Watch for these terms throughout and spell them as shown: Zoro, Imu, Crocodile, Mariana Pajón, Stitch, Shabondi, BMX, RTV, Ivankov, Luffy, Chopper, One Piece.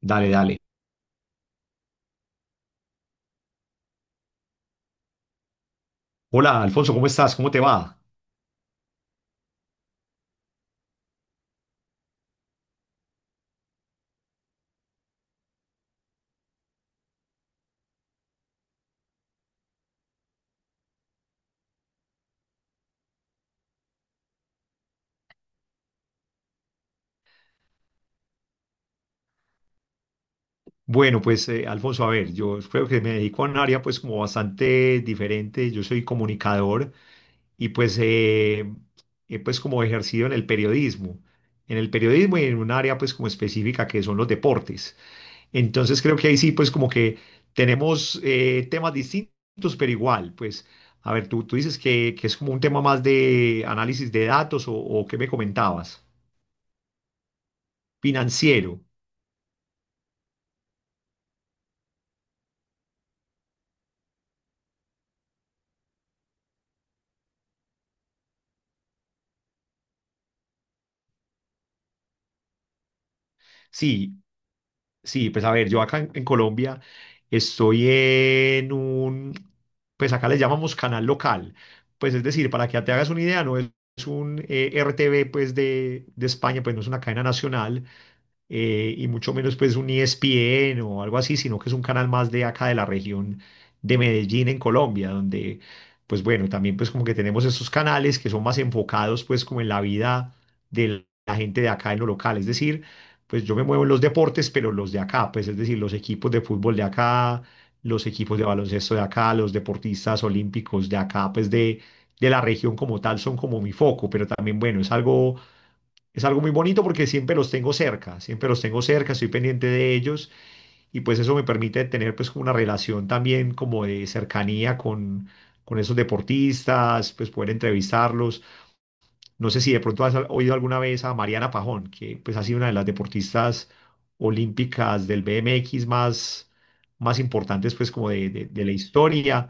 Dale, dale. Hola, Alfonso, ¿cómo estás? ¿Cómo te va? Bueno, pues, Alfonso, a ver, yo creo que me dedico a un área pues como bastante diferente. Yo soy comunicador y pues he pues como ejercido en el periodismo. En el periodismo y en un área pues como específica que son los deportes. Entonces creo que ahí sí, pues como que tenemos temas distintos, pero igual, pues, a ver, tú dices que es como un tema más de análisis de datos o qué me comentabas. Financiero. Sí, sí, pues a ver, yo acá en Colombia estoy en un, pues acá le llamamos canal local, pues es decir, para que te hagas una idea, no es, es un RTV pues de España, pues no es una cadena nacional, y mucho menos pues un ESPN o algo así, sino que es un canal más de acá de la región de Medellín en Colombia, donde pues bueno, también pues como que tenemos esos canales que son más enfocados pues como en la vida de la gente de acá en lo local, es decir, pues yo me muevo en los deportes, pero los de acá, pues es decir, los equipos de fútbol de acá, los equipos de baloncesto de acá, los deportistas olímpicos de acá, pues de la región como tal son como mi foco, pero también, bueno, es algo muy bonito porque siempre los tengo cerca, siempre los tengo cerca, estoy pendiente de ellos y pues eso me permite tener pues como una relación también como de cercanía con esos deportistas, pues poder entrevistarlos. No sé si de pronto has oído alguna vez a Mariana Pajón, que pues ha sido una de las deportistas olímpicas del BMX más, más importantes pues como de la historia.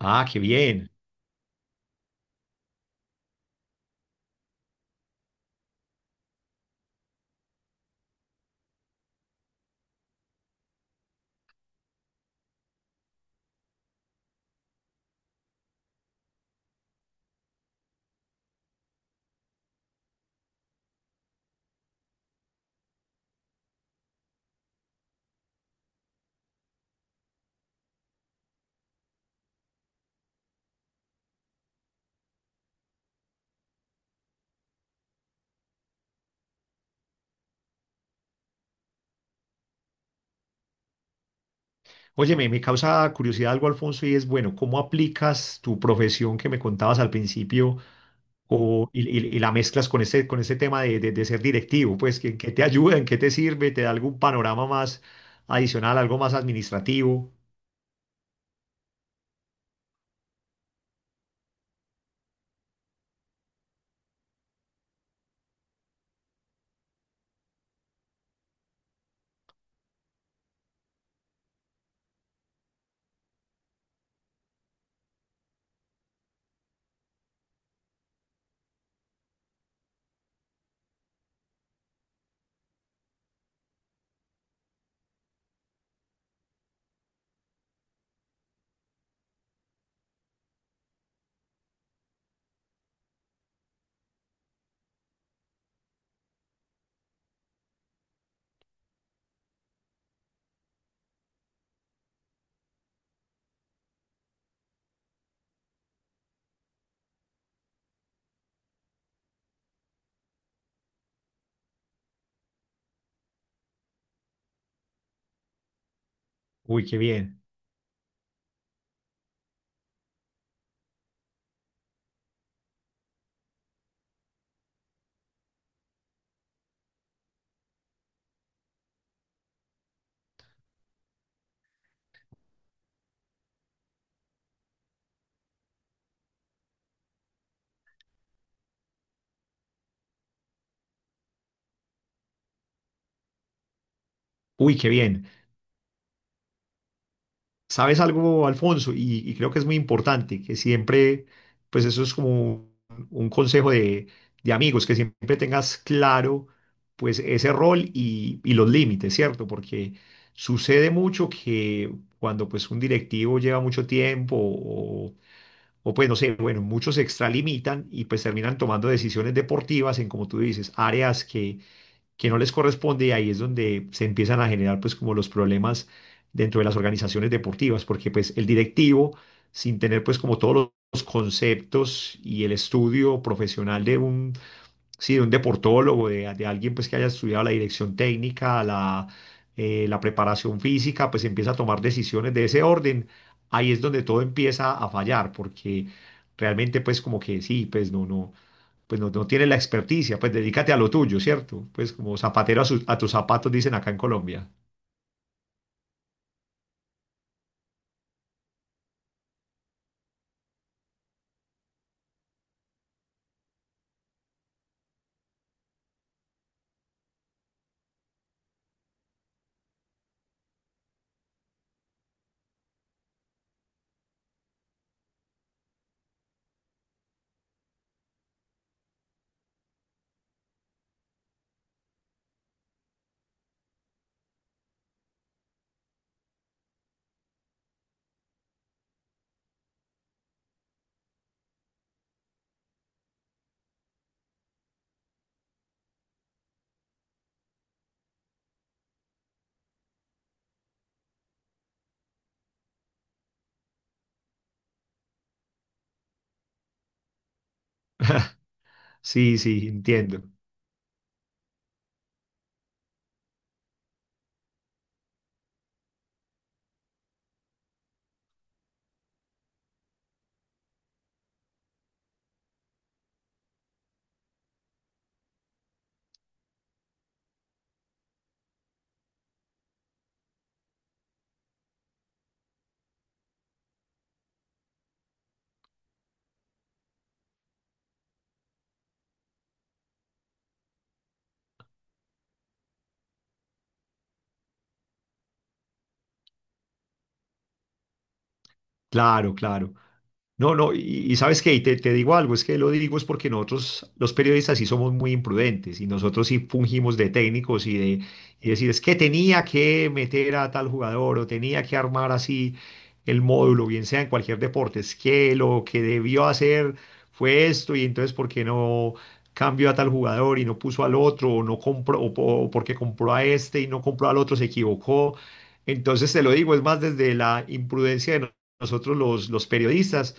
Ah, qué bien. Oye, me causa curiosidad algo, Alfonso, y es, bueno, ¿cómo aplicas tu profesión que me contabas al principio o, y, y la mezclas con ese tema de, de ser directivo, pues que te ayuda, en qué te sirve, te da algún panorama más adicional, algo más administrativo. Uy, qué bien, uy, qué bien. ¿Sabes algo, Alfonso? Y creo que es muy importante, que siempre, pues eso es como un consejo de amigos, que siempre tengas claro, pues ese rol y los límites, ¿cierto? Porque sucede mucho que cuando pues un directivo lleva mucho tiempo o pues no sé, bueno, muchos se extralimitan y pues terminan tomando decisiones deportivas en, como tú dices, áreas que no les corresponde y ahí es donde se empiezan a generar pues como los problemas dentro de las organizaciones deportivas, porque pues el directivo, sin tener pues como todos los conceptos y el estudio profesional de un sí, de un deportólogo, de alguien pues que haya estudiado la dirección técnica, la, la preparación física, pues empieza a tomar decisiones de ese orden. Ahí es donde todo empieza a fallar, porque realmente pues como que sí, pues no, no tiene la experticia, pues dedícate a lo tuyo, ¿cierto? Pues como zapatero a, a tus zapatos dicen acá en Colombia. Sí, sí, entiendo. Claro, claro. No, no, y sabes qué, y te digo algo, es que lo digo es porque nosotros, los periodistas, sí somos muy imprudentes y nosotros sí fungimos de técnicos y de y decir, es que tenía que meter a tal jugador o tenía que armar así el módulo, bien sea en cualquier deporte, es que lo que debió hacer fue esto y entonces, ¿por qué no cambió a tal jugador y no puso al otro o no compró, o, o porque compró a este y no compró al otro, se equivocó? Entonces te lo digo, es más desde la imprudencia de nosotros los periodistas,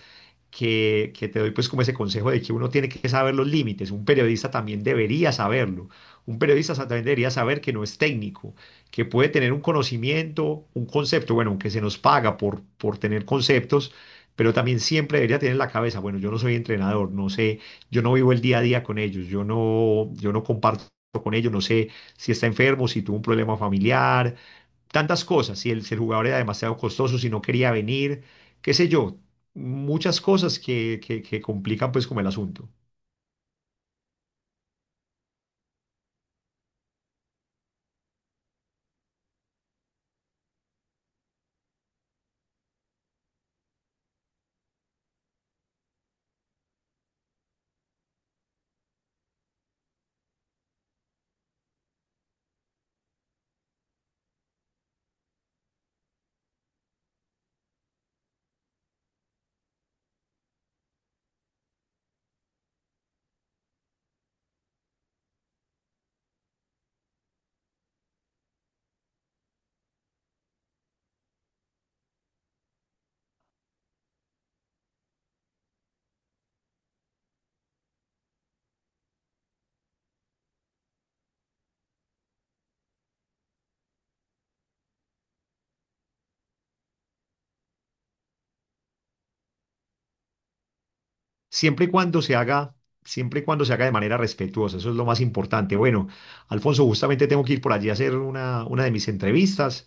que te doy pues como ese consejo de que uno tiene que saber los límites, un periodista también debería saberlo, un periodista también debería saber que no es técnico, que puede tener un conocimiento, un concepto, bueno, aunque se nos paga por tener conceptos, pero también siempre debería tener en la cabeza, bueno, yo no soy entrenador, no sé, yo no vivo el día a día con ellos, yo no, yo no comparto con ellos, no sé si está enfermo, si tuvo un problema familiar, tantas cosas, si el, si el jugador era demasiado costoso, si no quería venir, qué sé yo, muchas cosas que complican pues como el asunto. Siempre y cuando se haga, siempre y cuando se haga de manera respetuosa, eso es lo más importante. Bueno, Alfonso, justamente tengo que ir por allí a hacer una de mis entrevistas.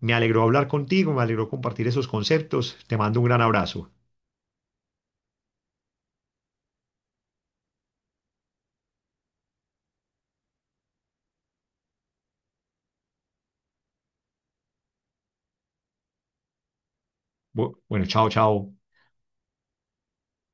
Me alegró hablar contigo, me alegró compartir esos conceptos. Te mando un gran abrazo. Bueno, chao, chao.